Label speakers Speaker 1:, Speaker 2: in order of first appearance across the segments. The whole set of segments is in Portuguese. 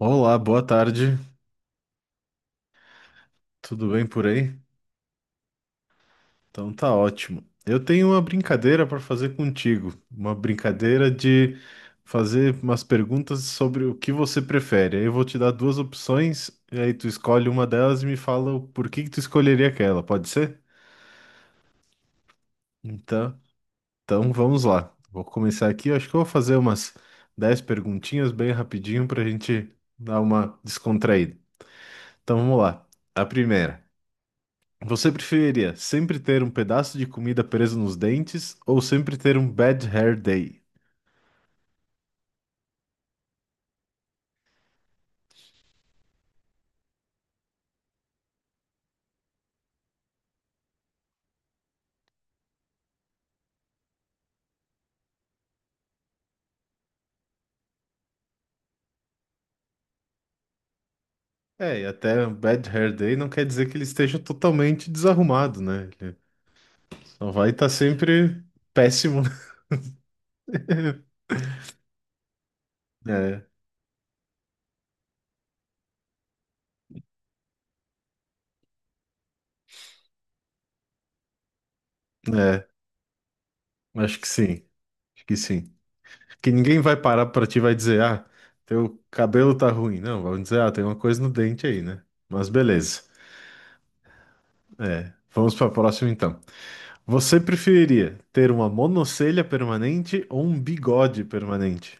Speaker 1: Olá, boa tarde. Tudo bem por aí? Então tá ótimo. Eu tenho uma brincadeira para fazer contigo, uma brincadeira de fazer umas perguntas sobre o que você prefere. Aí eu vou te dar duas opções e aí tu escolhe uma delas e me fala o porquê que tu escolheria aquela, pode ser? Então, então vamos lá. Vou começar aqui. Eu acho que eu vou fazer umas 10 perguntinhas bem rapidinho para a gente dar uma descontraída. Então vamos lá. A primeira. Você preferiria sempre ter um pedaço de comida preso nos dentes ou sempre ter um bad hair day? É, e até um bad hair day não quer dizer que ele esteja totalmente desarrumado, né? Ele só vai estar sempre péssimo. né? É, é, acho que sim, acho que sim. Que ninguém vai parar pra ti e vai dizer, ah, teu cabelo tá ruim. Não, vão dizer, ah, tem uma coisa no dente aí, né? Mas beleza. É, vamos pra próxima então. Você preferiria ter uma monocelha permanente ou um bigode permanente?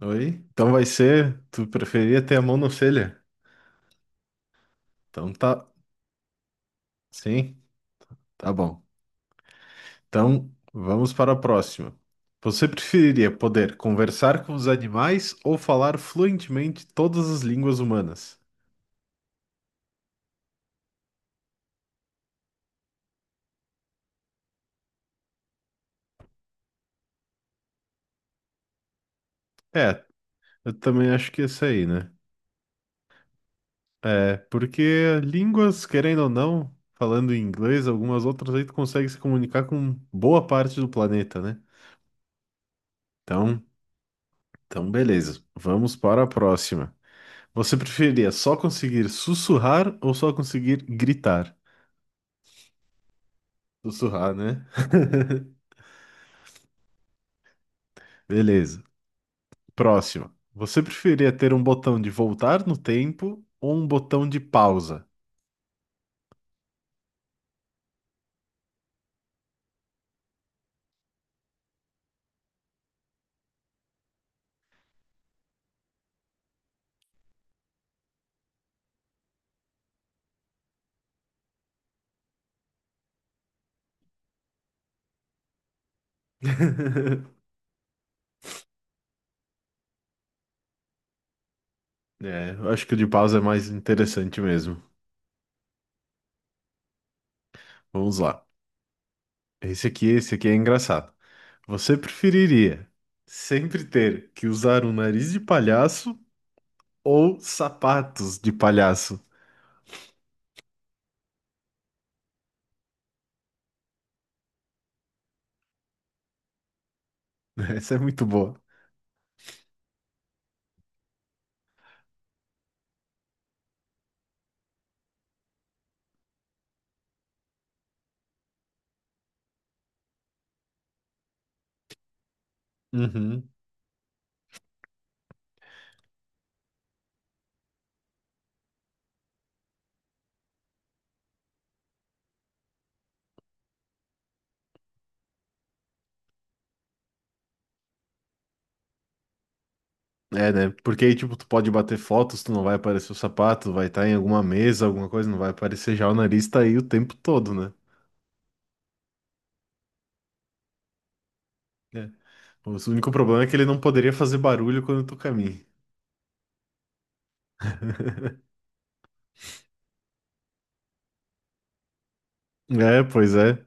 Speaker 1: Oi? Então vai ser. Tu preferia ter a monocelha? Então tá. Sim, tá bom. Então vamos para a próxima. Você preferiria poder conversar com os animais ou falar fluentemente todas as línguas humanas? É, eu também acho que esse aí, né? É, porque línguas, querendo ou não, falando em inglês, algumas outras aí tu consegue se comunicar com boa parte do planeta, né? Então, então beleza. Vamos para a próxima. Você preferia só conseguir sussurrar ou só conseguir gritar? Sussurrar, né? Beleza. Próximo. Você preferia ter um botão de voltar no tempo ou um botão de pausa? É, eu acho que o de pausa é mais interessante mesmo. Vamos lá. Esse aqui é engraçado. Você preferiria sempre ter que usar um nariz de palhaço ou sapatos de palhaço? Essa é muito boa. Uhum. É, né? Porque aí, tipo, tu pode bater fotos, tu não vai aparecer o sapato, vai estar em alguma mesa, alguma coisa, não vai aparecer já o nariz, tá aí o tempo todo, né? É. O único problema é que ele não poderia fazer barulho quando tu caminha. É, pois é.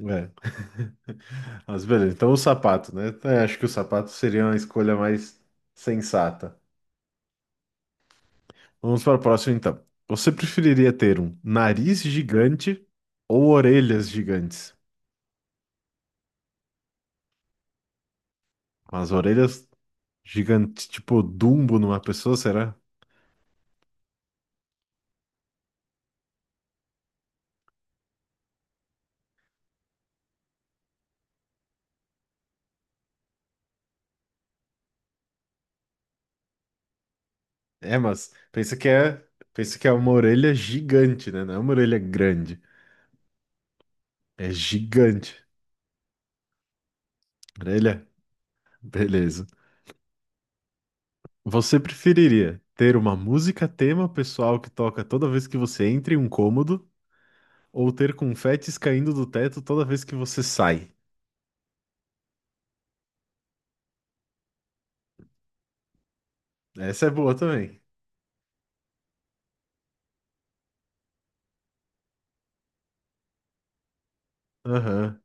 Speaker 1: É. Mas beleza, então o sapato, né? É, acho que o sapato seria uma escolha mais sensata. Vamos para o próximo, então. Você preferiria ter um nariz gigante ou orelhas gigantes? As orelhas gigantes, tipo Dumbo numa pessoa, será? É, pensa que é uma orelha gigante, né? Não é uma orelha grande, é gigante. Orelha, beleza. Você preferiria ter uma música tema pessoal que toca toda vez que você entra em um cômodo ou ter confetes caindo do teto toda vez que você sai? Essa é boa também. Aham,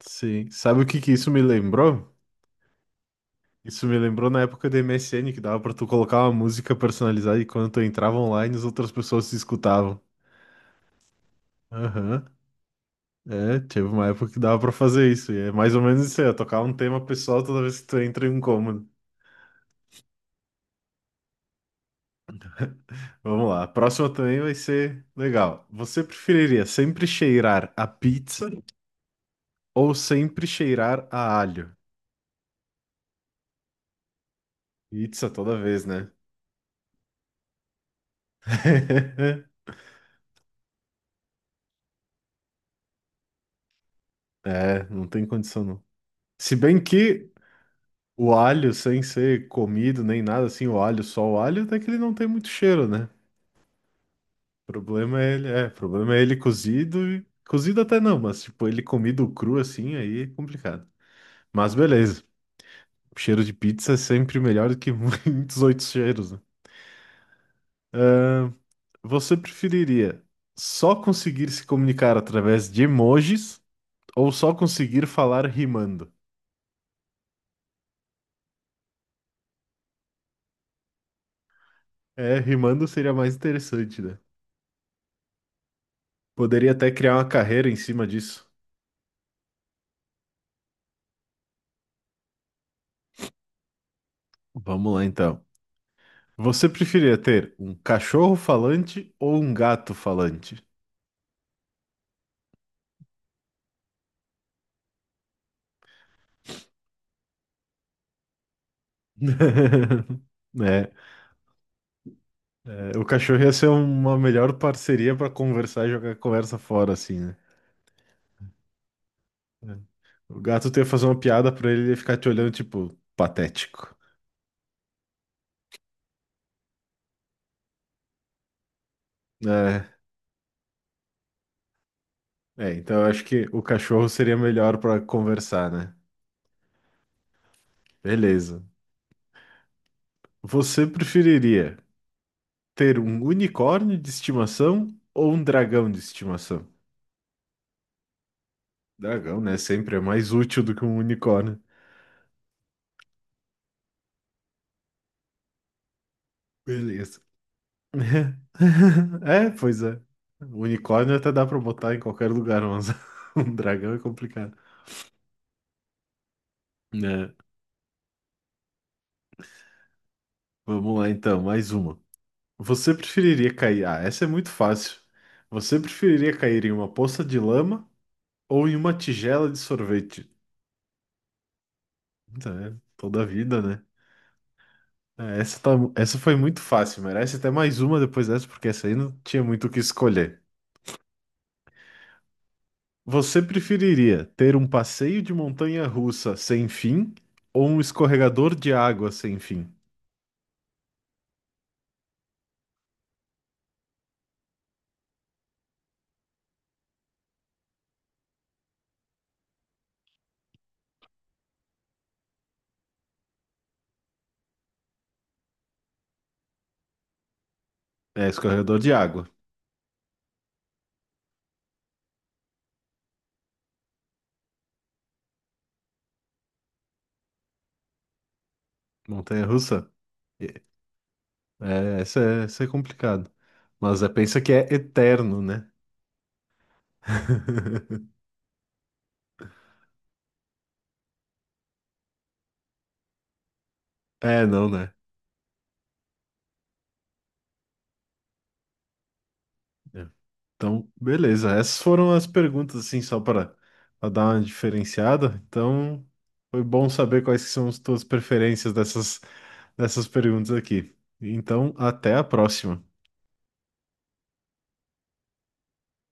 Speaker 1: sim. Sabe o que que isso me lembrou? Isso me lembrou na época do MSN que dava pra tu colocar uma música personalizada e quando tu entrava online as outras pessoas se escutavam. Aham. É, teve uma época que dava pra fazer isso. E é mais ou menos isso aí, ó, tocar um tema pessoal toda vez que tu entra em um cômodo. Vamos lá. A próxima também vai ser legal. Você preferiria sempre cheirar a pizza ou sempre cheirar a alho? Pizza toda vez, né? É, não tem condição não. Se bem que o alho, sem ser comido nem nada assim, o alho, só o alho, até que ele não tem muito cheiro, né? Problema é ele cozido e cozido até não, mas tipo, ele comido cru assim, aí é complicado. Mas beleza, cheiro de pizza é sempre melhor do que muitos outros cheiros, né? Você preferiria só conseguir se comunicar através de emojis ou só conseguir falar rimando? É, rimando seria mais interessante, né? Poderia até criar uma carreira em cima disso. Vamos lá então. Você preferia ter um cachorro falante ou um gato falante? né, é, o cachorro ia ser uma melhor parceria pra conversar e jogar a conversa fora, assim, né? É. O gato tu ia fazer uma piada pra ele e ele ia ficar te olhando, tipo, patético. É, é, então eu acho que o cachorro seria melhor pra conversar, né? Beleza. Você preferiria ter um unicórnio de estimação ou um dragão de estimação? Dragão, né? Sempre é mais útil do que um unicórnio. Beleza. É, pois é. Unicórnio até dá pra botar em qualquer lugar, mas um dragão é complicado. Né? Vamos lá então, mais uma. Você preferiria cair? Ah, essa é muito fácil. Você preferiria cair em uma poça de lama ou em uma tigela de sorvete? Puta, é, toda a vida, né? Essa foi muito fácil. Merece até mais uma depois dessa, porque essa aí não tinha muito o que escolher. Você preferiria ter um passeio de montanha-russa sem fim ou um escorregador de água sem fim? É, escorregador de água. Montanha-russa? É, essa é complicado. Mas é, pensa que é eterno, né? É, não, né? É. Então, beleza. Essas foram as perguntas, assim, só para dar uma diferenciada. Então, foi bom saber quais que são as tuas preferências dessas perguntas aqui. Então, até a próxima.